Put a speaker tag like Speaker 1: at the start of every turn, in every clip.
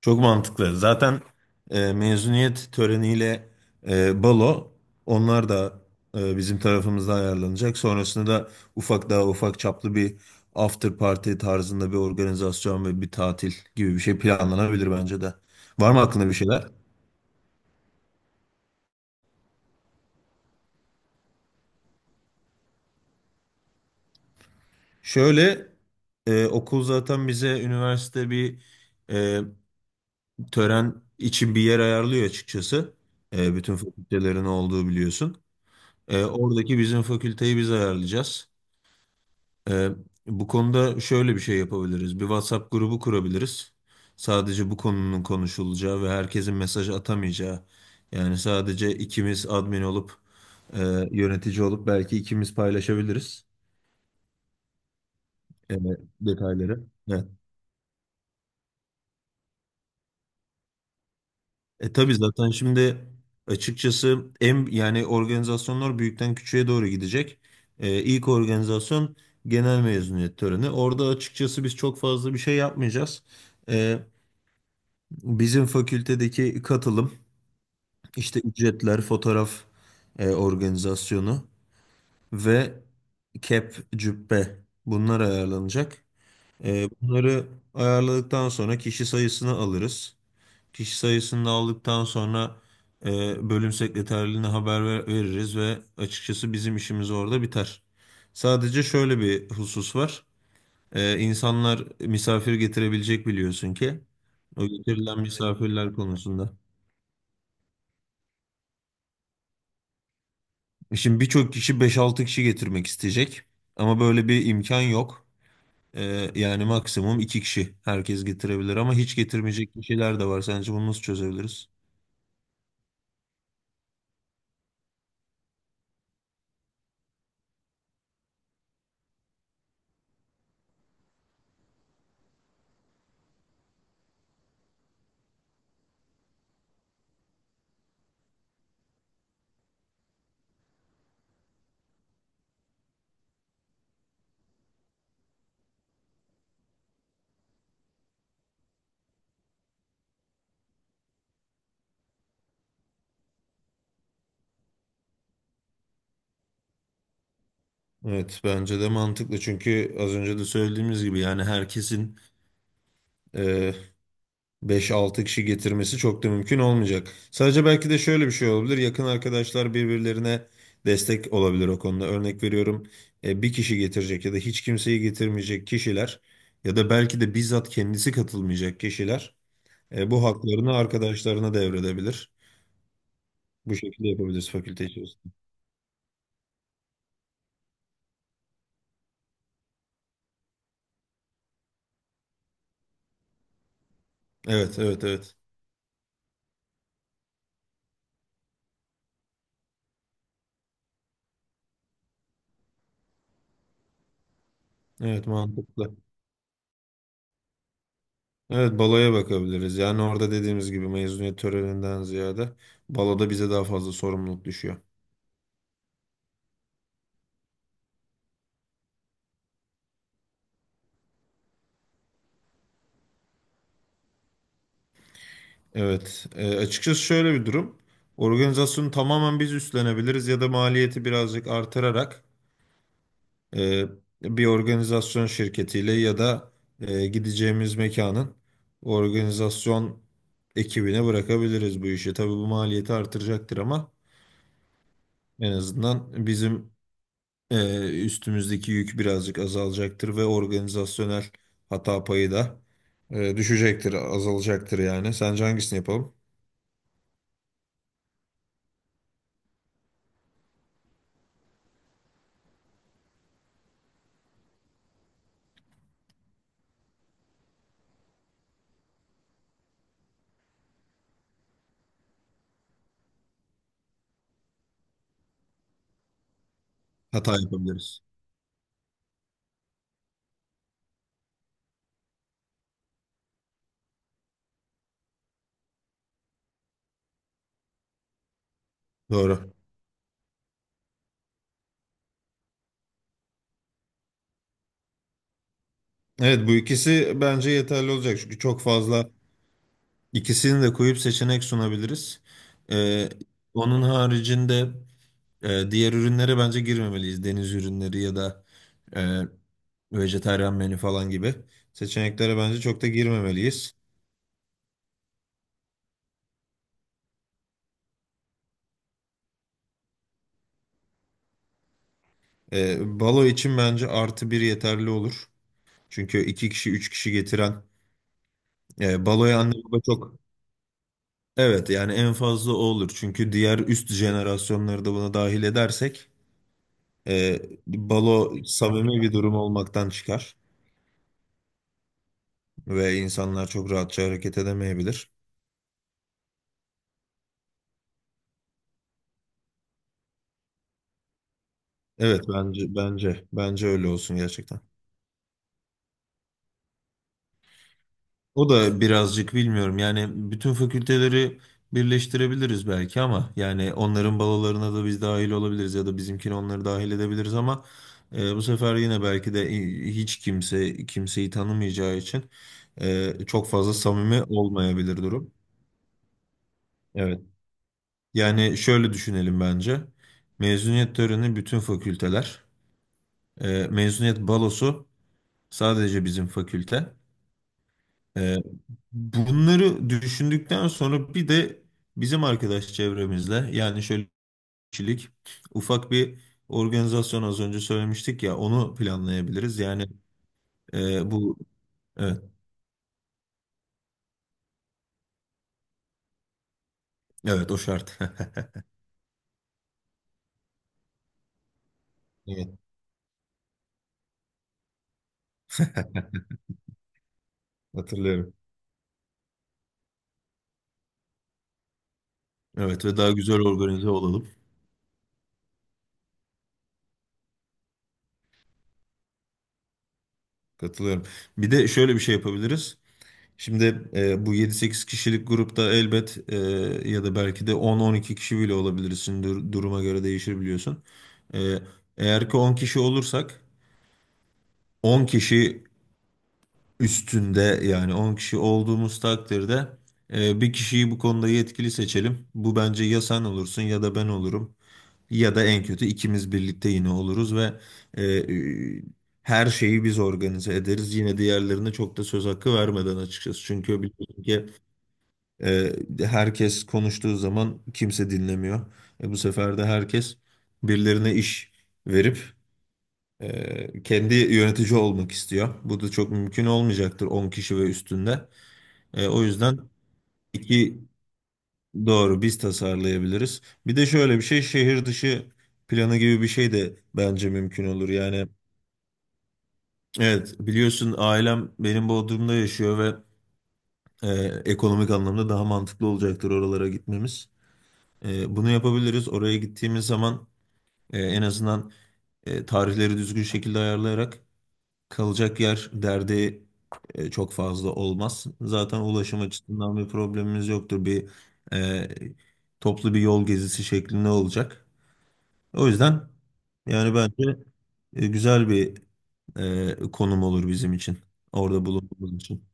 Speaker 1: Çok mantıklı. Zaten mezuniyet töreniyle balo onlar da bizim tarafımızda ayarlanacak. Sonrasında da daha ufak çaplı bir after party tarzında bir organizasyon ve bir tatil gibi bir şey planlanabilir bence de. Var mı aklında bir şeyler? Şöyle okul zaten bize üniversite bir e, tören için bir yer ayarlıyor açıkçası. Bütün fakültelerin olduğu biliyorsun. Oradaki bizim fakülteyi biz ayarlayacağız. Ee, Bu konuda şöyle bir şey yapabiliriz. Bir WhatsApp grubu kurabiliriz. Sadece bu konunun konuşulacağı ve herkesin mesaj atamayacağı. Yani sadece ikimiz admin olup e, yönetici olup belki ikimiz paylaşabiliriz e, detayları. Evet. Tabii zaten şimdi açıkçası yani organizasyonlar büyükten küçüğe doğru gidecek. İlk organizasyon genel mezuniyet töreni. Orada açıkçası biz çok fazla bir şey yapmayacağız. E, Bizim fakültedeki katılım işte ücretler, fotoğraf organizasyonu ve kep, cübbe bunlar ayarlanacak. Bunları ayarladıktan sonra kişi sayısını alırız. Kişi sayısını da aldıktan sonra e, bölüm sekreterliğine haber veririz ve açıkçası bizim işimiz orada biter. Sadece şöyle bir husus var. İnsanlar misafir getirebilecek biliyorsun ki. O getirilen misafirler konusunda. Şimdi birçok kişi beş altı kişi getirmek isteyecek. Ama böyle bir imkan yok. E, Yani maksimum 2 kişi herkes getirebilir ama hiç getirmeyecek kişiler de var. Sence bunu nasıl çözebiliriz? Evet, bence de mantıklı çünkü az önce de söylediğimiz gibi yani herkesin beş altı kişi getirmesi çok da mümkün olmayacak. Sadece belki de şöyle bir şey olabilir. Yakın arkadaşlar birbirlerine destek olabilir o konuda. Örnek veriyorum, bir kişi getirecek ya da hiç kimseyi getirmeyecek kişiler ya da belki de bizzat kendisi katılmayacak kişiler bu haklarını arkadaşlarına devredebilir. Bu şekilde yapabiliriz fakülte içerisinde. Evet, evet, evet. Evet, mantıklı. Evet, baloya bakabiliriz. Yani orada dediğimiz gibi mezuniyet töreninden ziyade baloda bize daha fazla sorumluluk düşüyor. Evet, açıkçası şöyle bir durum. Organizasyonu tamamen biz üstlenebiliriz ya da maliyeti birazcık artırarak e, bir organizasyon şirketiyle ya da gideceğimiz mekanın organizasyon ekibine bırakabiliriz bu işi. Tabii bu maliyeti artıracaktır, ama en azından bizim üstümüzdeki yük birazcık azalacaktır ve organizasyonel hata payı da düşecektir, azalacaktır yani. Sence hangisini yapalım? Hata yapabiliriz. Doğru. Evet, bu ikisi bence yeterli olacak çünkü çok fazla ikisini de koyup seçenek sunabiliriz. Ee, Onun haricinde diğer ürünlere bence girmemeliyiz. Deniz ürünleri ya da e, vejetaryen menü falan gibi seçeneklere bence çok da girmemeliyiz. Balo için bence artı bir yeterli olur. Çünkü iki kişi üç kişi getiren baloya anne baba çok, evet, yani en fazla o olur. Çünkü diğer üst jenerasyonları da buna dahil edersek E, balo samimi bir durum olmaktan çıkar ve insanlar çok rahatça hareket edemeyebilir. Evet, bence öyle olsun gerçekten. O da birazcık bilmiyorum, yani bütün fakülteleri birleştirebiliriz belki, ama yani onların balolarına da biz dahil olabiliriz ya da bizimkini onları dahil edebiliriz ama bu sefer yine belki de hiç kimse kimseyi tanımayacağı için çok fazla samimi olmayabilir durum. Evet. Yani şöyle düşünelim bence. Mezuniyet töreni bütün fakülteler. Mezuniyet balosu sadece bizim fakülte. Ee, Bunları düşündükten sonra bir de bizim arkadaş çevremizle, yani şöyle kişilik ufak bir organizasyon az önce söylemiştik ya, onu planlayabiliriz. Yani bu, evet, evet o şart. Evet, hatırlıyorum. Evet, ve daha güzel organize olalım. Katılıyorum. Bir de şöyle bir şey yapabiliriz. Şimdi bu yedi sekiz kişilik grupta elbet, ya da belki de on on iki kişi bile olabilirsin. Duruma göre değişir biliyorsun. E, Eğer ki 10 kişi olursak, 10 kişi üstünde yani 10 kişi olduğumuz takdirde, bir kişiyi bu konuda yetkili seçelim. Bu bence ya sen olursun ya da ben olurum. Ya da en kötü ikimiz birlikte yine oluruz ve e, e, her şeyi biz organize ederiz. Yine diğerlerine çok da söz hakkı vermeden açıkçası. Çünkü biliyorsun ki, E, herkes konuştuğu zaman kimse dinlemiyor. Bu sefer de herkes birilerine iş verip kendi yönetici olmak istiyor. Bu da çok mümkün olmayacaktır 10 kişi ve üstünde. O yüzden iki, doğru, biz tasarlayabiliriz. Bir de şöyle bir şey, şehir dışı planı gibi bir şey de bence mümkün olur. Yani evet, biliyorsun ailem benim Bodrum'da yaşıyor ve e, ekonomik anlamda daha mantıklı olacaktır oralara gitmemiz. Bunu yapabiliriz. Oraya gittiğimiz zaman en azından tarihleri düzgün şekilde ayarlayarak kalacak yer derdi çok fazla olmaz. Zaten ulaşım açısından bir problemimiz yoktur. E, Toplu bir yol gezisi şeklinde olacak. O yüzden yani bence güzel bir konum olur bizim için. Orada bulunduğumuz için.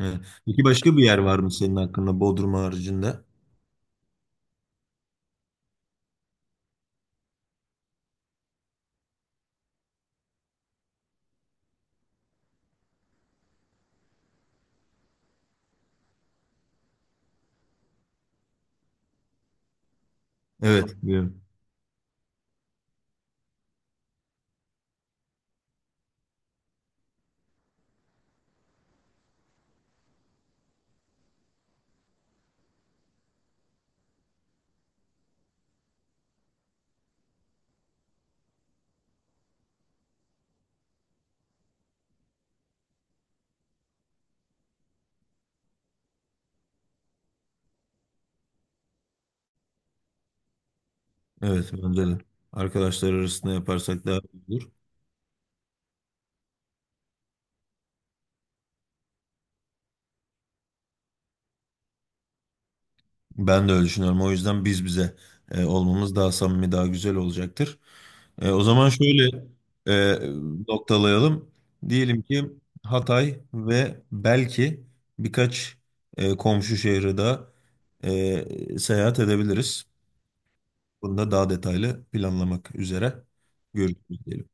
Speaker 1: Evet. Peki başka bir yer var mı senin hakkında Bodrum haricinde? Evet. Evet, bence de. Arkadaşlar arasında yaparsak daha iyi olur. Ben de öyle düşünüyorum. O yüzden biz bize olmamız daha samimi, daha güzel olacaktır. O zaman şöyle e, noktalayalım. Diyelim ki Hatay ve belki birkaç komşu şehri daha seyahat edebiliriz. Bunu da daha detaylı planlamak üzere görüşürüz diyelim.